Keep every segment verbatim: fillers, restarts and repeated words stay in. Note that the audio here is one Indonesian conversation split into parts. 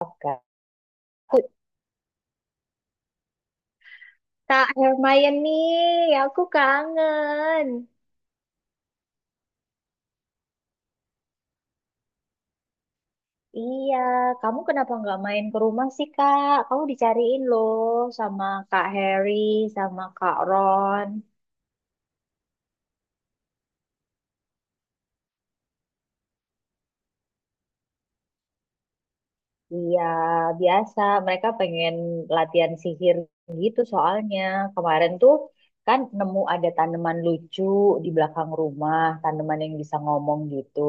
Kak. Kak Hermione, aku kangen. Iya, kamu kenapa nggak main ke rumah sih, Kak? Kamu dicariin loh sama Kak Harry, sama Kak Ron. Iya, biasa. Mereka pengen latihan sihir gitu soalnya. Kemarin tuh kan nemu ada tanaman lucu di belakang rumah, tanaman yang bisa ngomong gitu.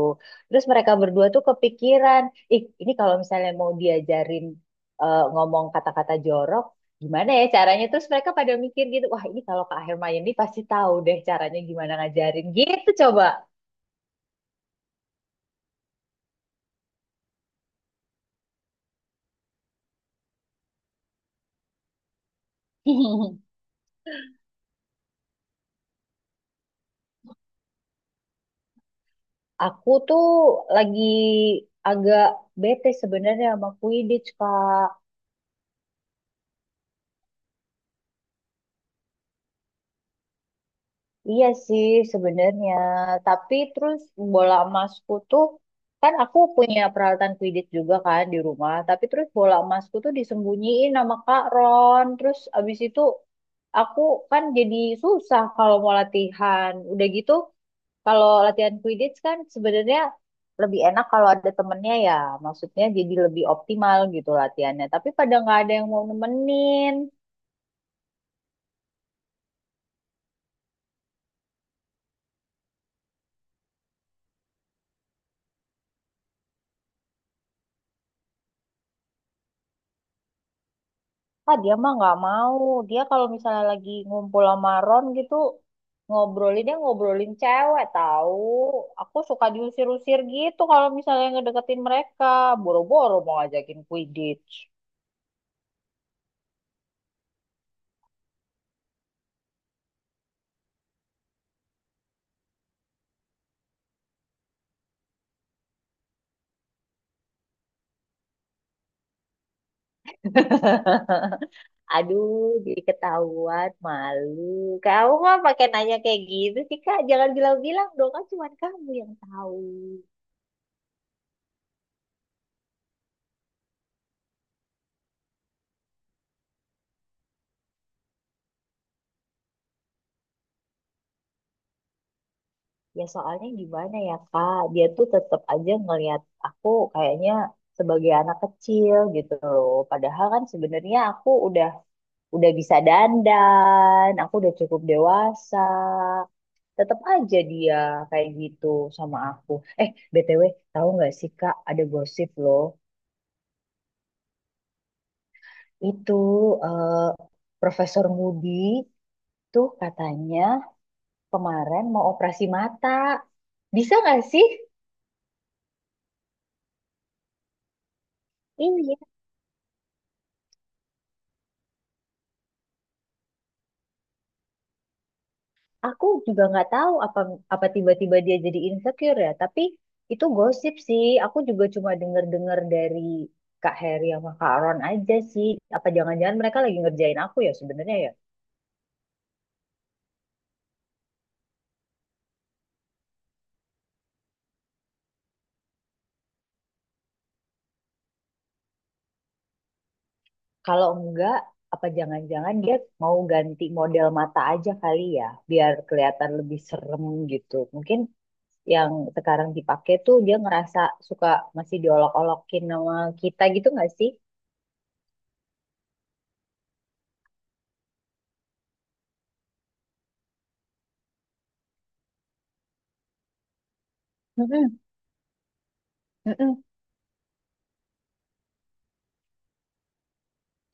Terus mereka berdua tuh kepikiran, ih ini kalau misalnya mau diajarin eh, ngomong kata-kata jorok, gimana ya caranya? Terus mereka pada mikir gitu, wah ini kalau Kak Hermione pasti tahu deh caranya gimana ngajarin gitu coba. Aku tuh lagi agak bete sebenarnya sama Quidditch, Kak. Iya sih sebenarnya, tapi terus bola emasku tuh kan aku punya peralatan Quidditch juga kan di rumah, tapi terus bola emasku tuh disembunyiin sama Kak Ron. Terus abis itu aku kan jadi susah kalau mau latihan. Udah gitu. Kalau latihan Quidditch kan sebenarnya lebih enak kalau ada temennya ya, maksudnya jadi lebih optimal gitu latihannya. Tapi pada nggak ada yang mau nemenin. Ah dia mah nggak mau. Dia kalau misalnya lagi ngumpul sama Ron gitu ngobrolin dia ngobrolin cewek tahu. Aku suka diusir-usir gitu kalau misalnya ngedeketin mereka. Boro-boro mau ngajakin Quidditch. Aduh, jadi ketahuan, malu. Kamu mah pakai nanya kayak gitu sih, Kak. Jangan bilang-bilang dong, kan cuma kamu yang tahu. Ya soalnya gimana ya, Kak? Dia tuh tetap aja ngelihat aku kayaknya sebagai anak kecil gitu loh. Padahal kan sebenarnya aku udah udah bisa dandan, aku udah cukup dewasa. Tetap aja dia kayak gitu sama aku. Eh, be te we, tahu nggak sih, Kak, ada gosip loh. Itu eh, Profesor Moody tuh katanya kemarin mau operasi mata. Bisa nggak sih? Ini aku juga nggak tahu apa apa tiba-tiba dia jadi insecure ya. Tapi itu gosip sih. Aku juga cuma denger-dengar dari Kak Heri sama Kak Ron aja sih. Apa jangan-jangan mereka lagi ngerjain aku ya sebenarnya ya? Kalau enggak, apa jangan-jangan dia mau ganti model mata aja kali ya, biar kelihatan lebih serem gitu. Mungkin yang sekarang dipakai tuh dia ngerasa suka masih diolok-olokin sama kita gitu nggak sih? Mm-mm, mm-mm.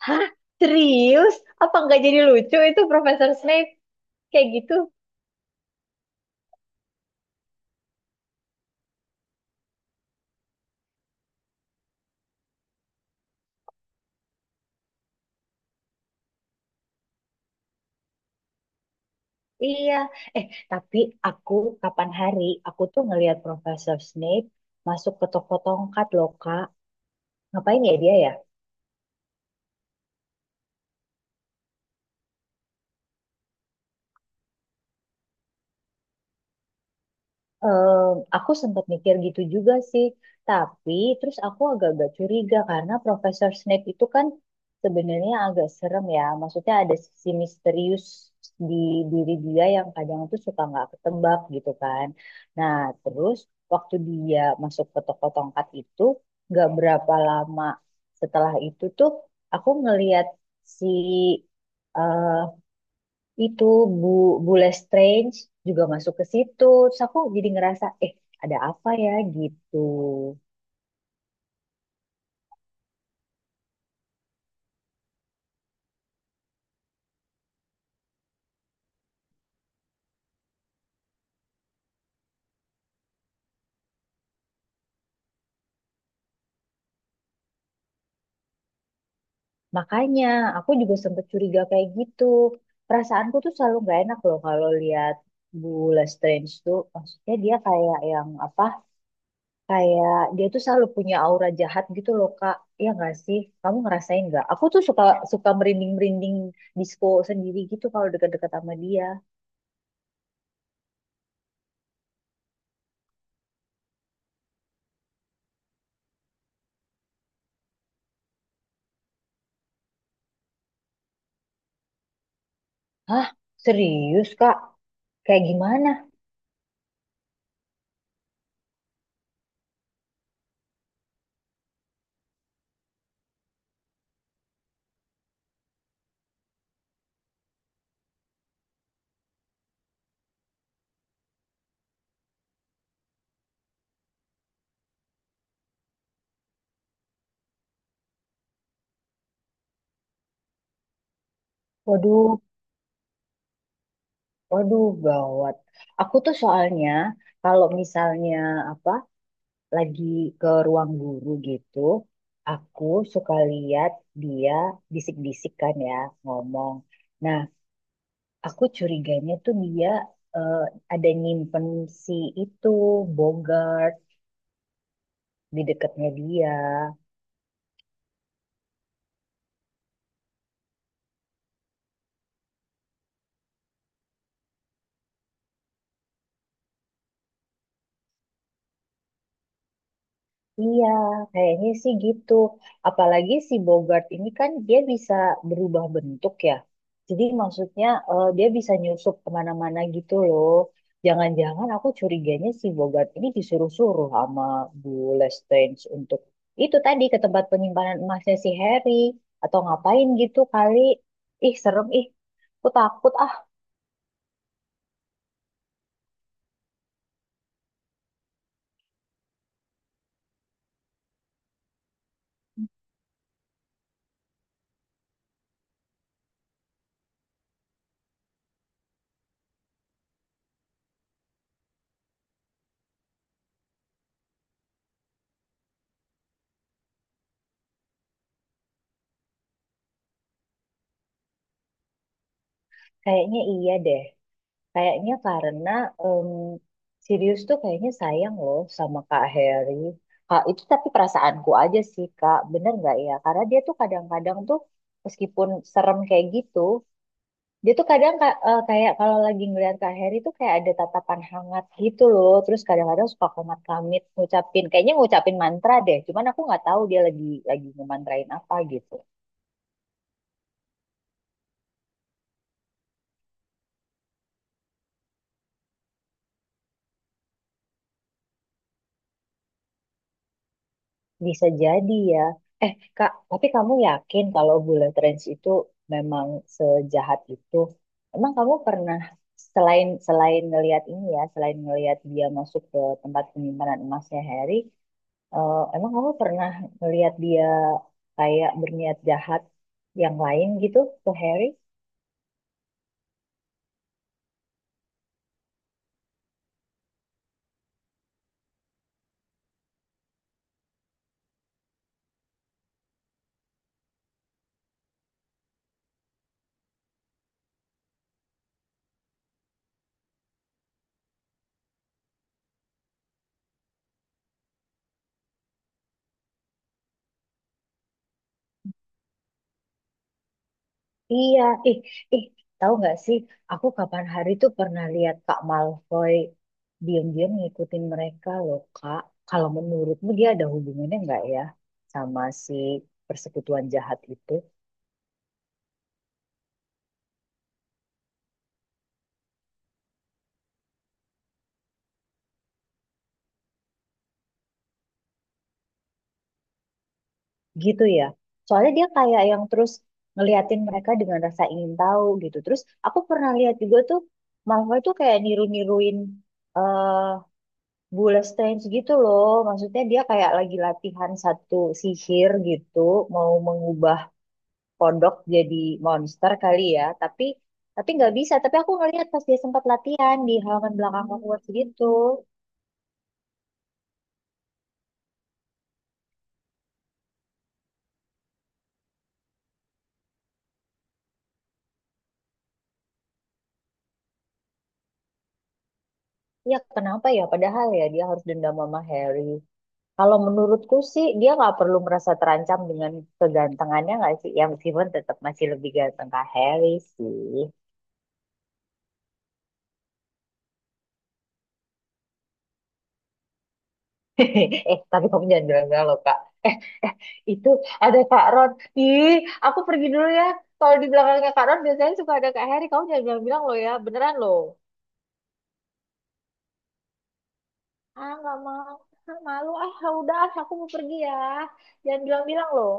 Hah? Serius? Apa nggak jadi lucu itu Profesor Snape? Kayak gitu? Iya. Eh, tapi aku kapan hari aku tuh ngelihat Profesor Snape masuk ke toko tongkat loh, Kak. Ngapain ya dia ya? Em, aku sempat mikir gitu juga sih, tapi terus aku agak-agak curiga karena Profesor Snape itu kan sebenarnya agak serem ya. Maksudnya ada sisi misterius di diri dia yang kadang tuh suka nggak ketebak gitu kan. Nah, terus waktu dia masuk ke toko tongkat itu, nggak berapa lama setelah itu tuh aku ngeliat si eh, itu Bu Bule Strange juga masuk ke situ. Terus aku jadi ngerasa, eh ada apa ya gitu. Makanya aku juga sempet curiga kayak gitu. Perasaanku tuh selalu nggak enak loh kalau lihat Bule Strange tuh. Maksudnya dia kayak yang apa? Kayak dia tuh selalu punya aura jahat gitu loh Kak. Ya nggak sih? Kamu ngerasain nggak? Aku tuh suka suka merinding-merinding disco sendiri gitu kalau dekat-dekat sama dia. Hah? Serius Kak? Kayak gimana? Waduh, waduh, gawat. Aku tuh soalnya kalau misalnya apa lagi ke ruang guru gitu, aku suka lihat dia bisik-bisik kan ya ngomong. Nah, aku curiganya tuh dia eh, ada nyimpen si itu Bogart di dekatnya dia. Iya, kayaknya sih gitu. Apalagi si Bogart ini kan dia bisa berubah bentuk ya. Jadi maksudnya eh, dia bisa nyusup kemana-mana gitu loh. Jangan-jangan aku curiganya si Bogart ini disuruh-suruh sama Bu Lestrange untuk itu tadi ke tempat penyimpanan emasnya si Harry. Atau ngapain gitu kali. Ih, serem ih. Aku takut ah. Kayaknya iya deh. Kayaknya karena em, Sirius tuh kayaknya sayang loh sama Kak Harry. Kak, itu tapi perasaanku aja sih Kak, bener nggak ya? Karena dia tuh kadang-kadang tuh meskipun serem kayak gitu, dia tuh kadang ka- eh, kayak kalau lagi ngeliat Kak Harry tuh kayak ada tatapan hangat gitu loh. Terus kadang-kadang suka komat-kamit ngucapin, kayaknya ngucapin mantra deh. Cuman aku nggak tahu dia lagi lagi ngemantrain apa gitu. Bisa jadi ya. Eh, Kak, tapi kamu yakin kalau Bullet Trains itu memang sejahat itu? Emang kamu pernah selain selain ngelihat ini ya, selain ngelihat dia masuk ke tempat penyimpanan emasnya Harry, eh, emang kamu pernah ngelihat dia kayak berniat jahat yang lain gitu ke Harry? Iya, ih, ih, tahu nggak sih? Aku kapan hari tuh pernah lihat Kak Malfoy diam-diam ngikutin mereka loh, Kak. Kalau menurutmu dia ada hubungannya nggak ya sama si persekutuan jahat itu? Gitu ya. Soalnya dia kayak yang terus ngeliatin mereka dengan rasa ingin tahu gitu. Terus aku pernah lihat juga tuh Malfoy tuh kayak niru-niruin eh Bullet gitu loh. Maksudnya dia kayak lagi latihan satu sihir gitu, mau mengubah kodok jadi monster kali ya tapi tapi nggak bisa tapi aku ngeliat pas dia sempat latihan di halaman belakang Hogwarts gitu. Ya kenapa ya padahal ya dia harus dendam sama Harry. Kalau menurutku sih dia nggak perlu merasa terancam dengan kegantengannya nggak sih ya meskipun tetap masih lebih ganteng kak Harry sih. Eh tapi kamu jangan bilang loh kak eh itu ada kak Ron. Ih, aku pergi dulu ya. Kalau di belakangnya Kak Ron biasanya suka ada Kak Harry. Kamu jangan bilang-bilang loh ya, beneran loh. Ah nggak mau. Ah, malu ah. Udah ah, aku mau pergi ya. Jangan bilang-bilang loh.